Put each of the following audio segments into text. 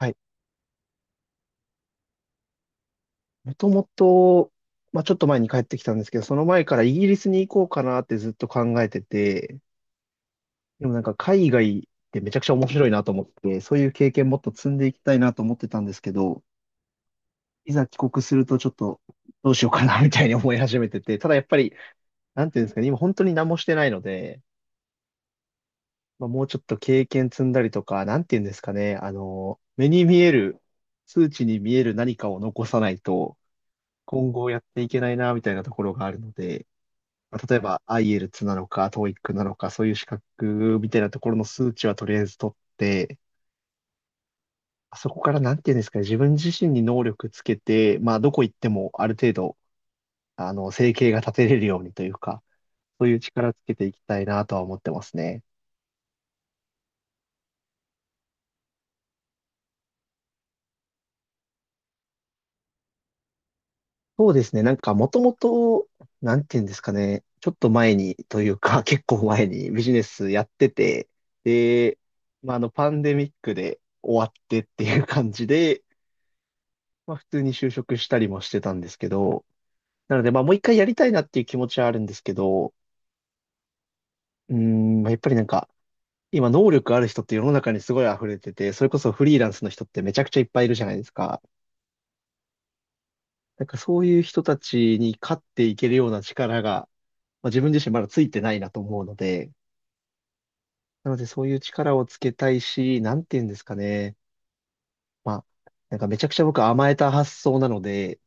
はい。もともと、まあ、ちょっと前に帰ってきたんですけど、その前からイギリスに行こうかなってずっと考えてて、でもなんか海外ってめちゃくちゃ面白いなと思って、そういう経験もっと積んでいきたいなと思ってたんですけど、いざ帰国するとちょっとどうしようかなみたいに思い始めてて、ただやっぱり、なんていうんですかね、今本当に何もしてないので、まあ、もうちょっと経験積んだりとか、なんていうんですかね、目に見える、数値に見える何かを残さないと、今後やっていけないなみたいなところがあるので、まあ例えば i e l t なのか TOEIC なのか、そういう資格みたいなところの数値はとりあえず取って、そこからなんていうんですかね、自分自身に能力つけて、まあどこ行ってもある程度、生計が立てれるようにというか、そういう力つけていきたいなとは思ってますね。そうですね、なんかもともと、なんていうんですかね、ちょっと前にというか、結構前にビジネスやってて、で、まああのパンデミックで終わってっていう感じで、まあ普通に就職したりもしてたんですけど、なのでまあもう一回やりたいなっていう気持ちはあるんですけど、うーん、まあやっぱりなんか、今能力ある人って世の中にすごい溢れてて、それこそフリーランスの人ってめちゃくちゃいっぱいいるじゃないですか。なんかそういう人たちに勝っていけるような力が、まあ、自分自身まだついてないなと思うので、なのでそういう力をつけたいし、なんて言うんですかね。まあ、なんかめちゃくちゃ僕甘えた発想なので、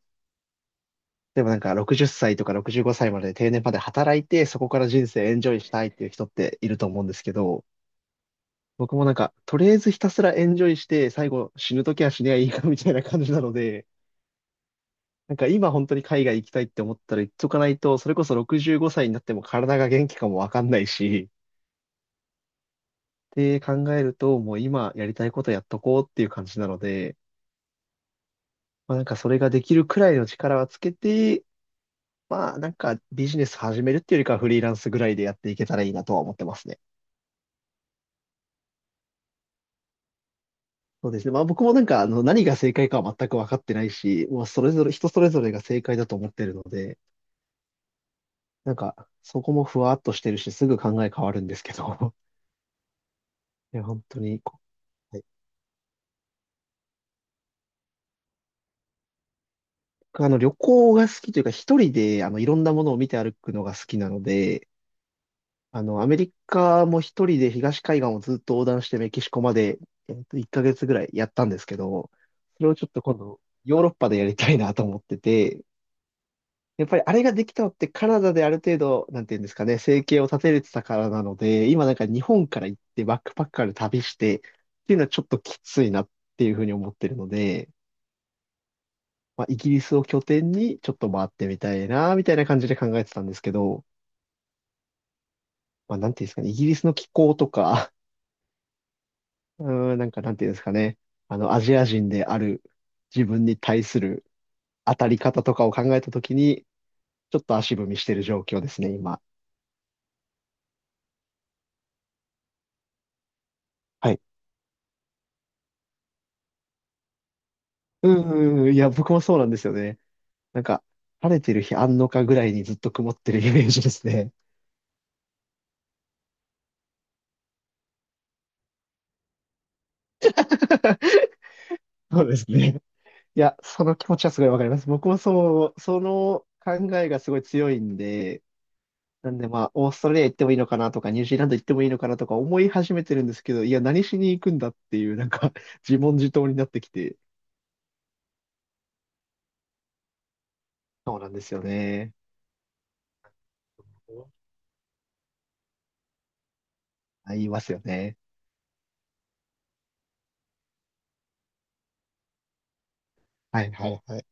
でもなんか60歳とか65歳まで定年まで働いて、そこから人生エンジョイしたいっていう人っていると思うんですけど、僕もなんか、とりあえずひたすらエンジョイして、最後死ぬときは死ねばいいかみたいな感じなので、なんか今本当に海外行きたいって思ったら行っとかないと、それこそ65歳になっても体が元気かもわかんないし、って考えると、もう今やりたいことやっとこうっていう感じなので、まあなんかそれができるくらいの力はつけて、まあなんかビジネス始めるっていうよりかはフリーランスぐらいでやっていけたらいいなとは思ってますね。そうですね。まあ僕もなんか、何が正解かは全く分かってないし、もうそれぞれ、人それぞれが正解だと思ってるので、なんか、そこもふわっとしてるし、すぐ考え変わるんですけど、いや、本当に、はい。僕旅行が好きというか、一人で、いろんなものを見て歩くのが好きなので、アメリカも一人で東海岸をずっと横断してメキシコまで、1ヶ月ぐらいやったんですけど、それをちょっと今度、ヨーロッパでやりたいなと思ってて、やっぱりあれができたのってカナダである程度、なんていうんですかね、生計を立てれてたからなので、今なんか日本から行ってバックパッカーで旅してっていうのはちょっときついなっていうふうに思ってるので、まあ、イギリスを拠点にちょっと回ってみたいな、みたいな感じで考えてたんですけど、まあ、なんていうんですかね、イギリスの気候とか、うーん、なんかなんていうんですかね、アジア人である自分に対する当たり方とかを考えたときに、ちょっと足踏みしてる状況ですね、今。はい。うんうんうん、いや、僕もそうなんですよね。なんか、晴れてる日あんのかぐらいにずっと曇ってるイメージですね。そうですね。いや、その気持ちはすごいわかります。僕もそう、その考えがすごい強いんで、なんでまあ、オーストラリア行ってもいいのかなとか、ニュージーランド行ってもいいのかなとか思い始めてるんですけど、いや、何しに行くんだっていう、なんか自問自答になってきて、そうなんですよね。あ、言いますよね。はいはいはい。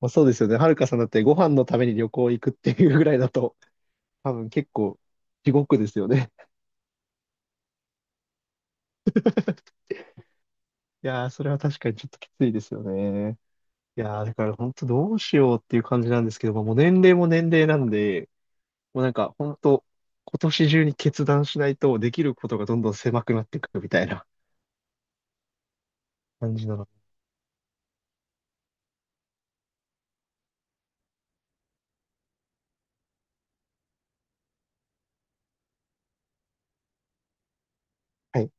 まあ、そうですよね。はるかさんだってご飯のために旅行行くっていうぐらいだと、多分結構地獄ですよね。いやー、それは確かにちょっときついですよね。いやー、だから本当どうしようっていう感じなんですけども、もう年齢も年齢なんで、もうなんか本当今年中に決断しないとできることがどんどん狭くなっていくみたいな感じなの。はい。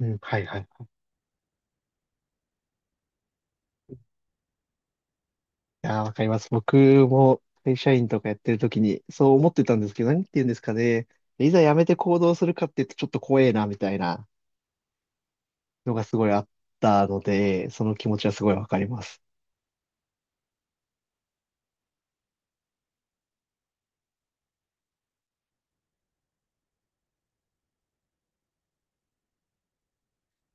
うん、はい、はい。いやー、わかります。僕も会社員とかやってる時にそう思ってたんですけど、何て言うんですかね。いざ辞めて行動するかって言うとちょっと怖えな、みたいなのがすごいあったので、その気持ちはすごいわかります。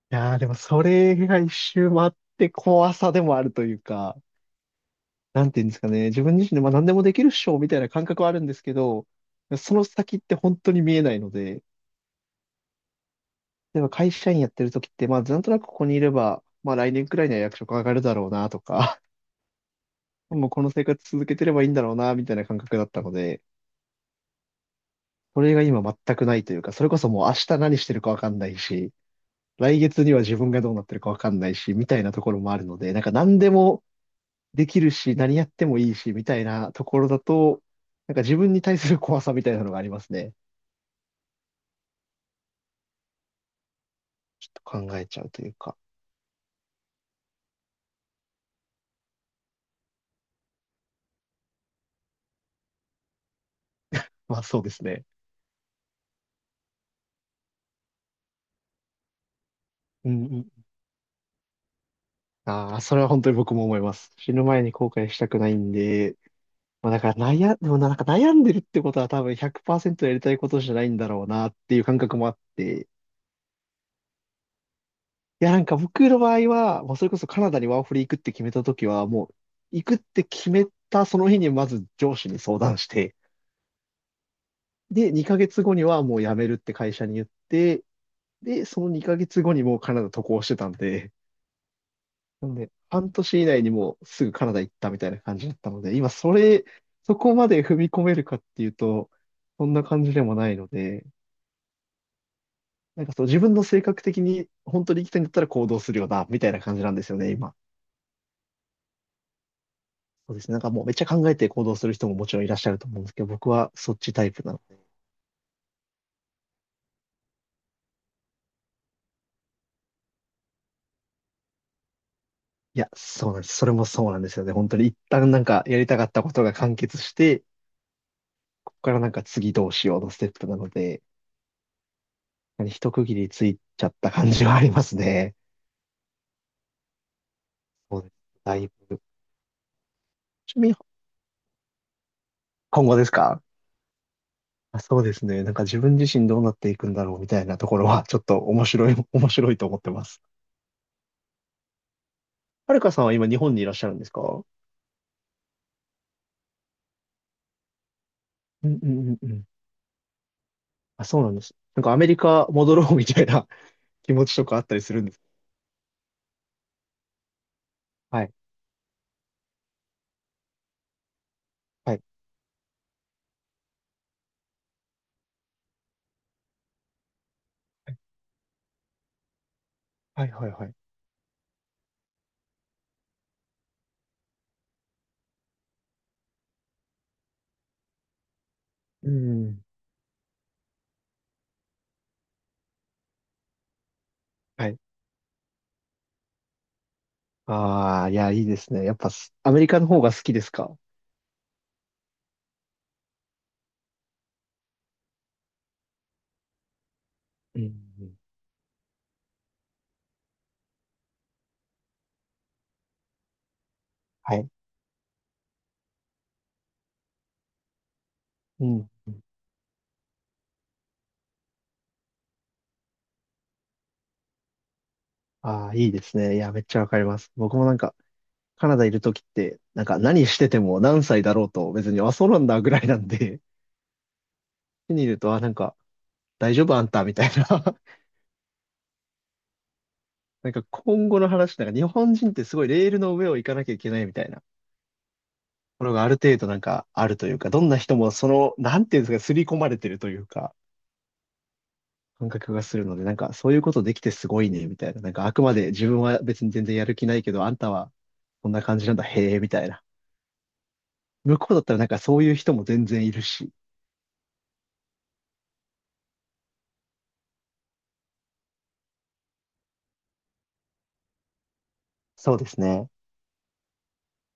やー、でもそれが一周回って怖さでもあるというか、なんていうんですかね、自分自身でまあ何でもできるっしょみたいな感覚はあるんですけど、その先って本当に見えないので、例えば会社員やってる時って、まあなんとなくここにいれば、まあ来年くらいには役職上がるだろうなとか、もうこの生活続けてればいいんだろうなみたいな感覚だったので、それが今全くないというか、それこそもう明日何してるかわかんないし、来月には自分がどうなってるかわかんないし、みたいなところもあるので、なんか何でも、できるし、何やってもいいし、みたいなところだと、なんか自分に対する怖さみたいなのがありますね。と考えちゃうというか。まあそうですね。うんうん。ああ、それは本当に僕も思います。死ぬ前に後悔したくないんで、まあだからでもなんか悩んでるってことは多分100%やりたいことじゃないんだろうなっていう感覚もあって、いやなんか僕の場合は、もうそれこそカナダにワーホリ行くって決めた時は、もう行くって決めたその日にまず上司に相談して、で、2ヶ月後にはもう辞めるって会社に言って、で、その2ヶ月後にもうカナダ渡航してたんで、なんで、半年以内にもうすぐカナダ行ったみたいな感じだったので、今それ、そこまで踏み込めるかっていうと、そんな感じでもないので、なんかそう自分の性格的に本当に行きたいんだったら行動するよな、みたいな感じなんですよね、今。そうですね。なんかもうめっちゃ考えて行動する人ももちろんいらっしゃると思うんですけど、僕はそっちタイプなので。いや、そうなんです。それもそうなんですよね。本当に一旦なんかやりたかったことが完結して、こからなんか次どうしようのステップなので、一区切りついちゃった感じはありますね。そうです。だいぶ。ちなみに、今後ですか？あ、そうですね。なんか自分自身どうなっていくんだろうみたいなところは、ちょっと面白い、面白いと思ってます。はるかさんは今日本にいらっしゃるんですか？うんうんうんうん。あ、そうなんです。なんかアメリカ戻ろうみたいな 気持ちとかあったりするんですか？はい。はい。はいはいはい。うん。はい。ああ、いや、いいですね。やっぱす、アメリカの方が好きですか？うんうん。はい。うん。ああ、いいですね。いや、めっちゃわかります。僕もなんか、カナダいるときって、なんか何してても何歳だろうと、別に、あ、そうなんだぐらいなんで、家にいると、あ、なんか、大丈夫あんたみたいな。なんか今後の話、なんか日本人ってすごいレールの上を行かなきゃいけないみたいなところがある程度なんかあるというか、どんな人もその、なんていうんですか、刷り込まれてるというか、感覚がするので、なんかそういうことできてすごいね、みたいな。なんかあくまで自分は別に全然やる気ないけど、あんたはこんな感じなんだ、へえ、みたいな。向こうだったらなんかそういう人も全然いるし。そうですね。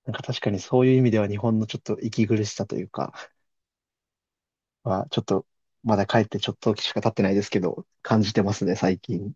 なんか確かにそういう意味では日本のちょっと息苦しさというか、まあちょっとまだ帰ってちょっと時しか経ってないですけど、感じてますね、最近。